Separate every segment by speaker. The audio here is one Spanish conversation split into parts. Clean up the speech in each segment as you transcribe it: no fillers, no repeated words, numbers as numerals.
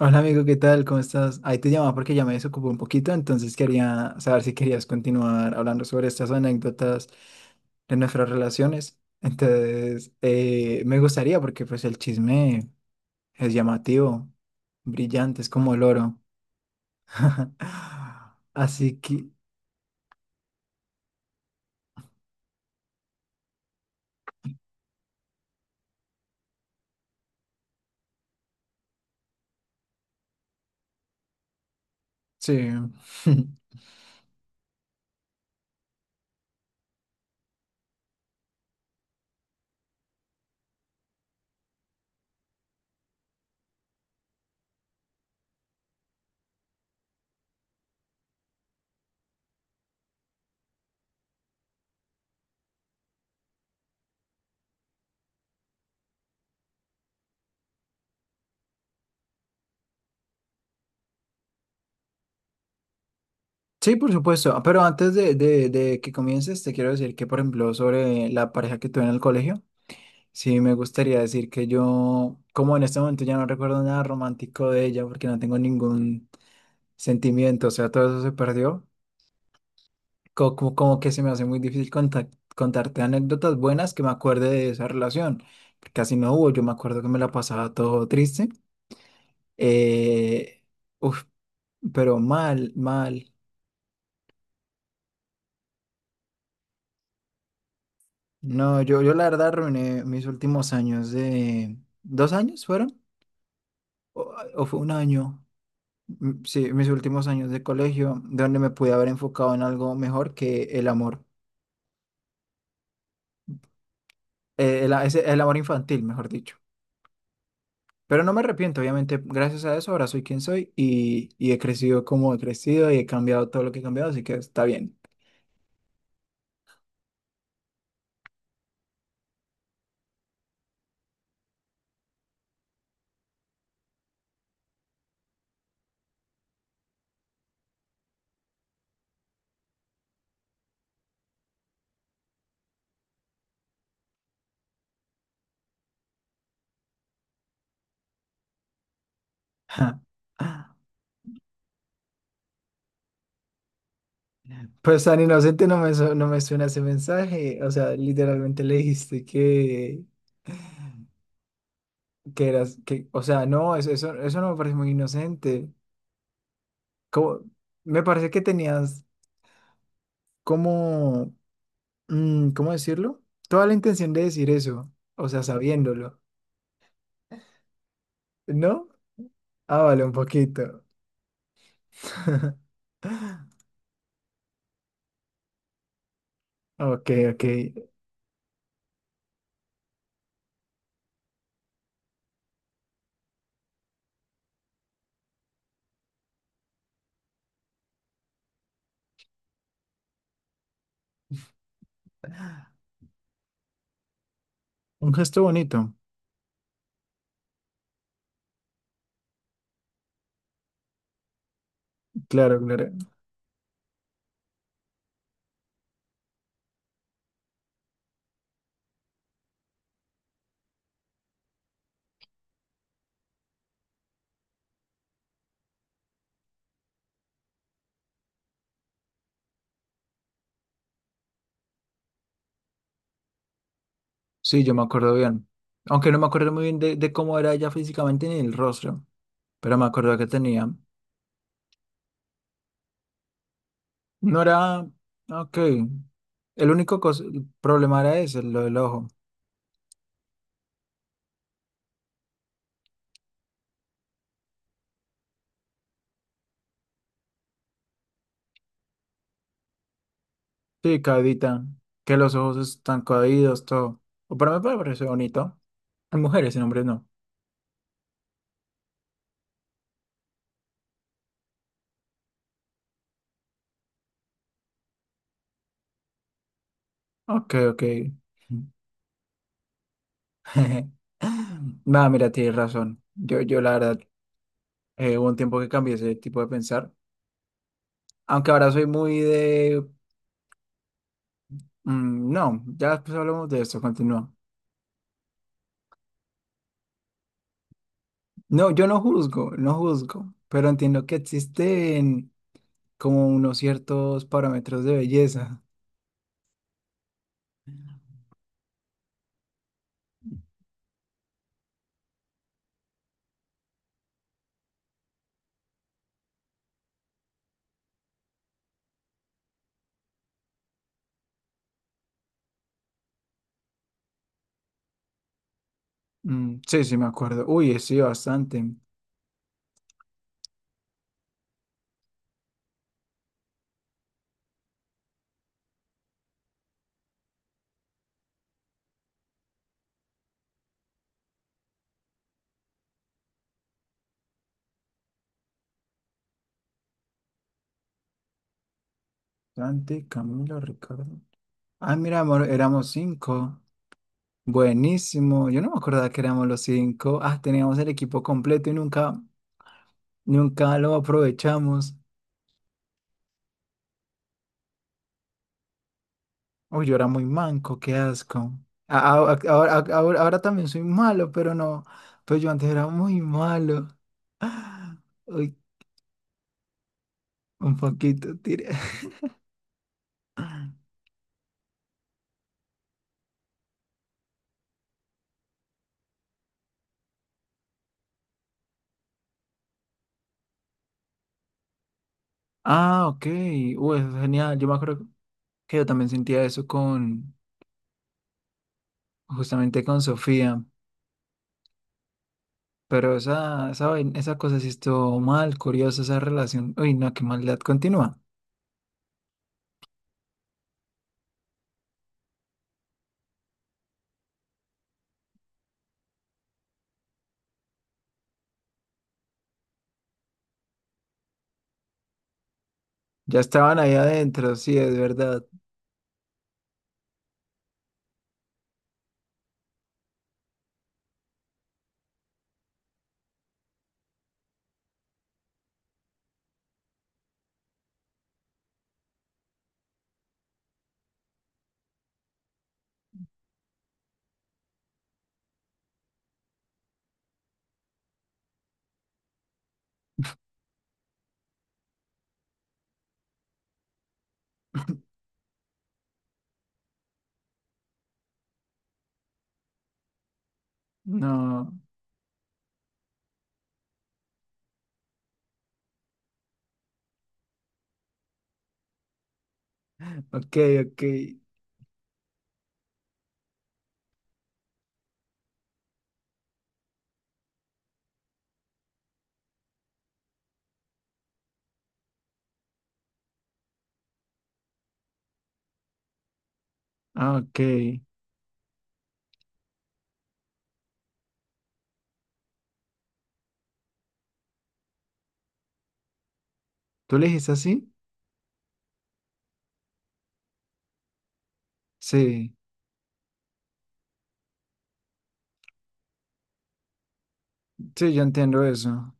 Speaker 1: Hola amigo, ¿qué tal? ¿Cómo estás? Ahí te llamaba porque ya me desocupé un poquito, entonces quería saber si querías continuar hablando sobre estas anécdotas de nuestras relaciones. Entonces, me gustaría porque pues el chisme es llamativo, brillante, es como el oro. Así que, sí. Sí, por supuesto. Ah, pero antes de que comiences, te quiero decir que, por ejemplo, sobre la pareja que tuve en el colegio. Sí, me gustaría decir que yo, como en este momento ya no recuerdo nada romántico de ella porque no tengo ningún sentimiento, o sea, todo eso se perdió, como que se me hace muy difícil contarte anécdotas buenas que me acuerde de esa relación, porque casi no hubo, yo me acuerdo que me la pasaba todo triste, eh, uf, pero mal, mal. No, yo la verdad arruiné mis últimos años de... ¿2 años fueron? ¿O o fue un año? Mm, sí, mis últimos años de colegio, donde me pude haber enfocado en algo mejor que el amor, el amor infantil, mejor dicho. Pero no me arrepiento, obviamente, gracias a eso ahora soy quien soy y he crecido como he crecido y he cambiado todo lo que he cambiado, así que está bien. Pues tan inocente no no me suena ese mensaje, o sea, literalmente le dijiste que, eras, que, o sea, no, eso no me parece muy inocente. Como, me parece que tenías como ¿cómo decirlo? Toda la intención de decir eso, o sea, sabiéndolo, ¿no? Ah, vale, un poquito. Ok, ok. Un gesto bonito. Claro, claro. Sí, yo me acuerdo bien. Aunque no me acuerdo muy bien de cómo era ella físicamente ni el rostro, pero me acuerdo que tenía. No era... Ok. El único el problema era ese, lo del ojo. Sí, caídita. Que los ojos están caídos, todo. O para mí me parece bonito. En mujeres, en hombres no. Ok, ok. Nada, mira, tienes razón. Yo la verdad, hubo un tiempo que cambié ese tipo de pensar. Aunque ahora soy muy de... no, ya después hablamos de esto, continúa. No, yo no juzgo, no juzgo, pero entiendo que existen como unos ciertos parámetros de belleza. Mm, sí, sí, me acuerdo. Uy, sí, bastante. Dante, Camilo, Ricardo. Ah, mira, amor, éramos cinco. Buenísimo. Yo no me acordaba que éramos los cinco. Ah, teníamos el equipo completo y nunca, nunca lo aprovechamos. Uy, yo era muy manco, qué asco. Ahora, también soy malo, pero no. Pues yo antes era muy malo. Uy, un poquito tiré. Ah, ok. Uy, eso es genial. Yo me acuerdo que yo también sentía eso con, justamente con Sofía. Pero esa, esa cosa sí estuvo mal, curiosa esa relación. Uy, no, qué maldad. Continúa. Ya estaban ahí adentro, sí, es verdad. No, ok, ok, ah, ok. ¿Tú le dijiste así? Sí, sí, yo entiendo eso.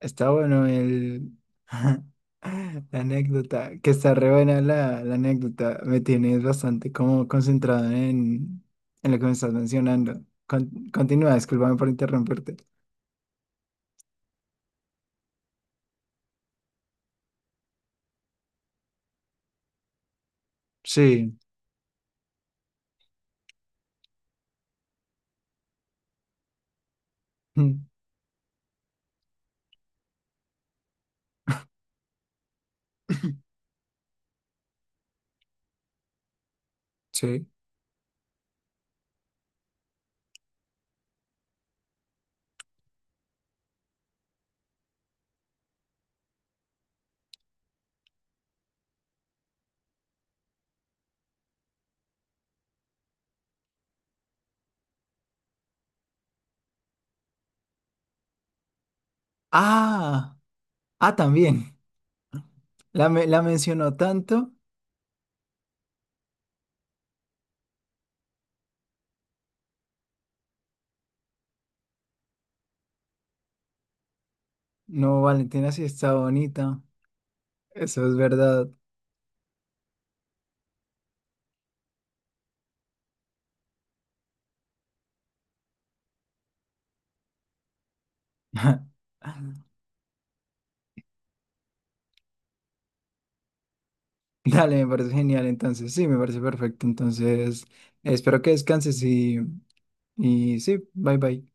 Speaker 1: Está bueno el... La anécdota, que está re buena la, la anécdota. Me tienes bastante como concentrado en lo que me estás mencionando. Continúa, discúlpame por interrumpirte. Sí, sí. Ah, ah, también. La, la mencionó tanto. No, Valentina sí está bonita. Eso es verdad. Dale, me parece genial. Entonces, sí, me parece perfecto. Entonces, espero que descanses y sí, bye bye.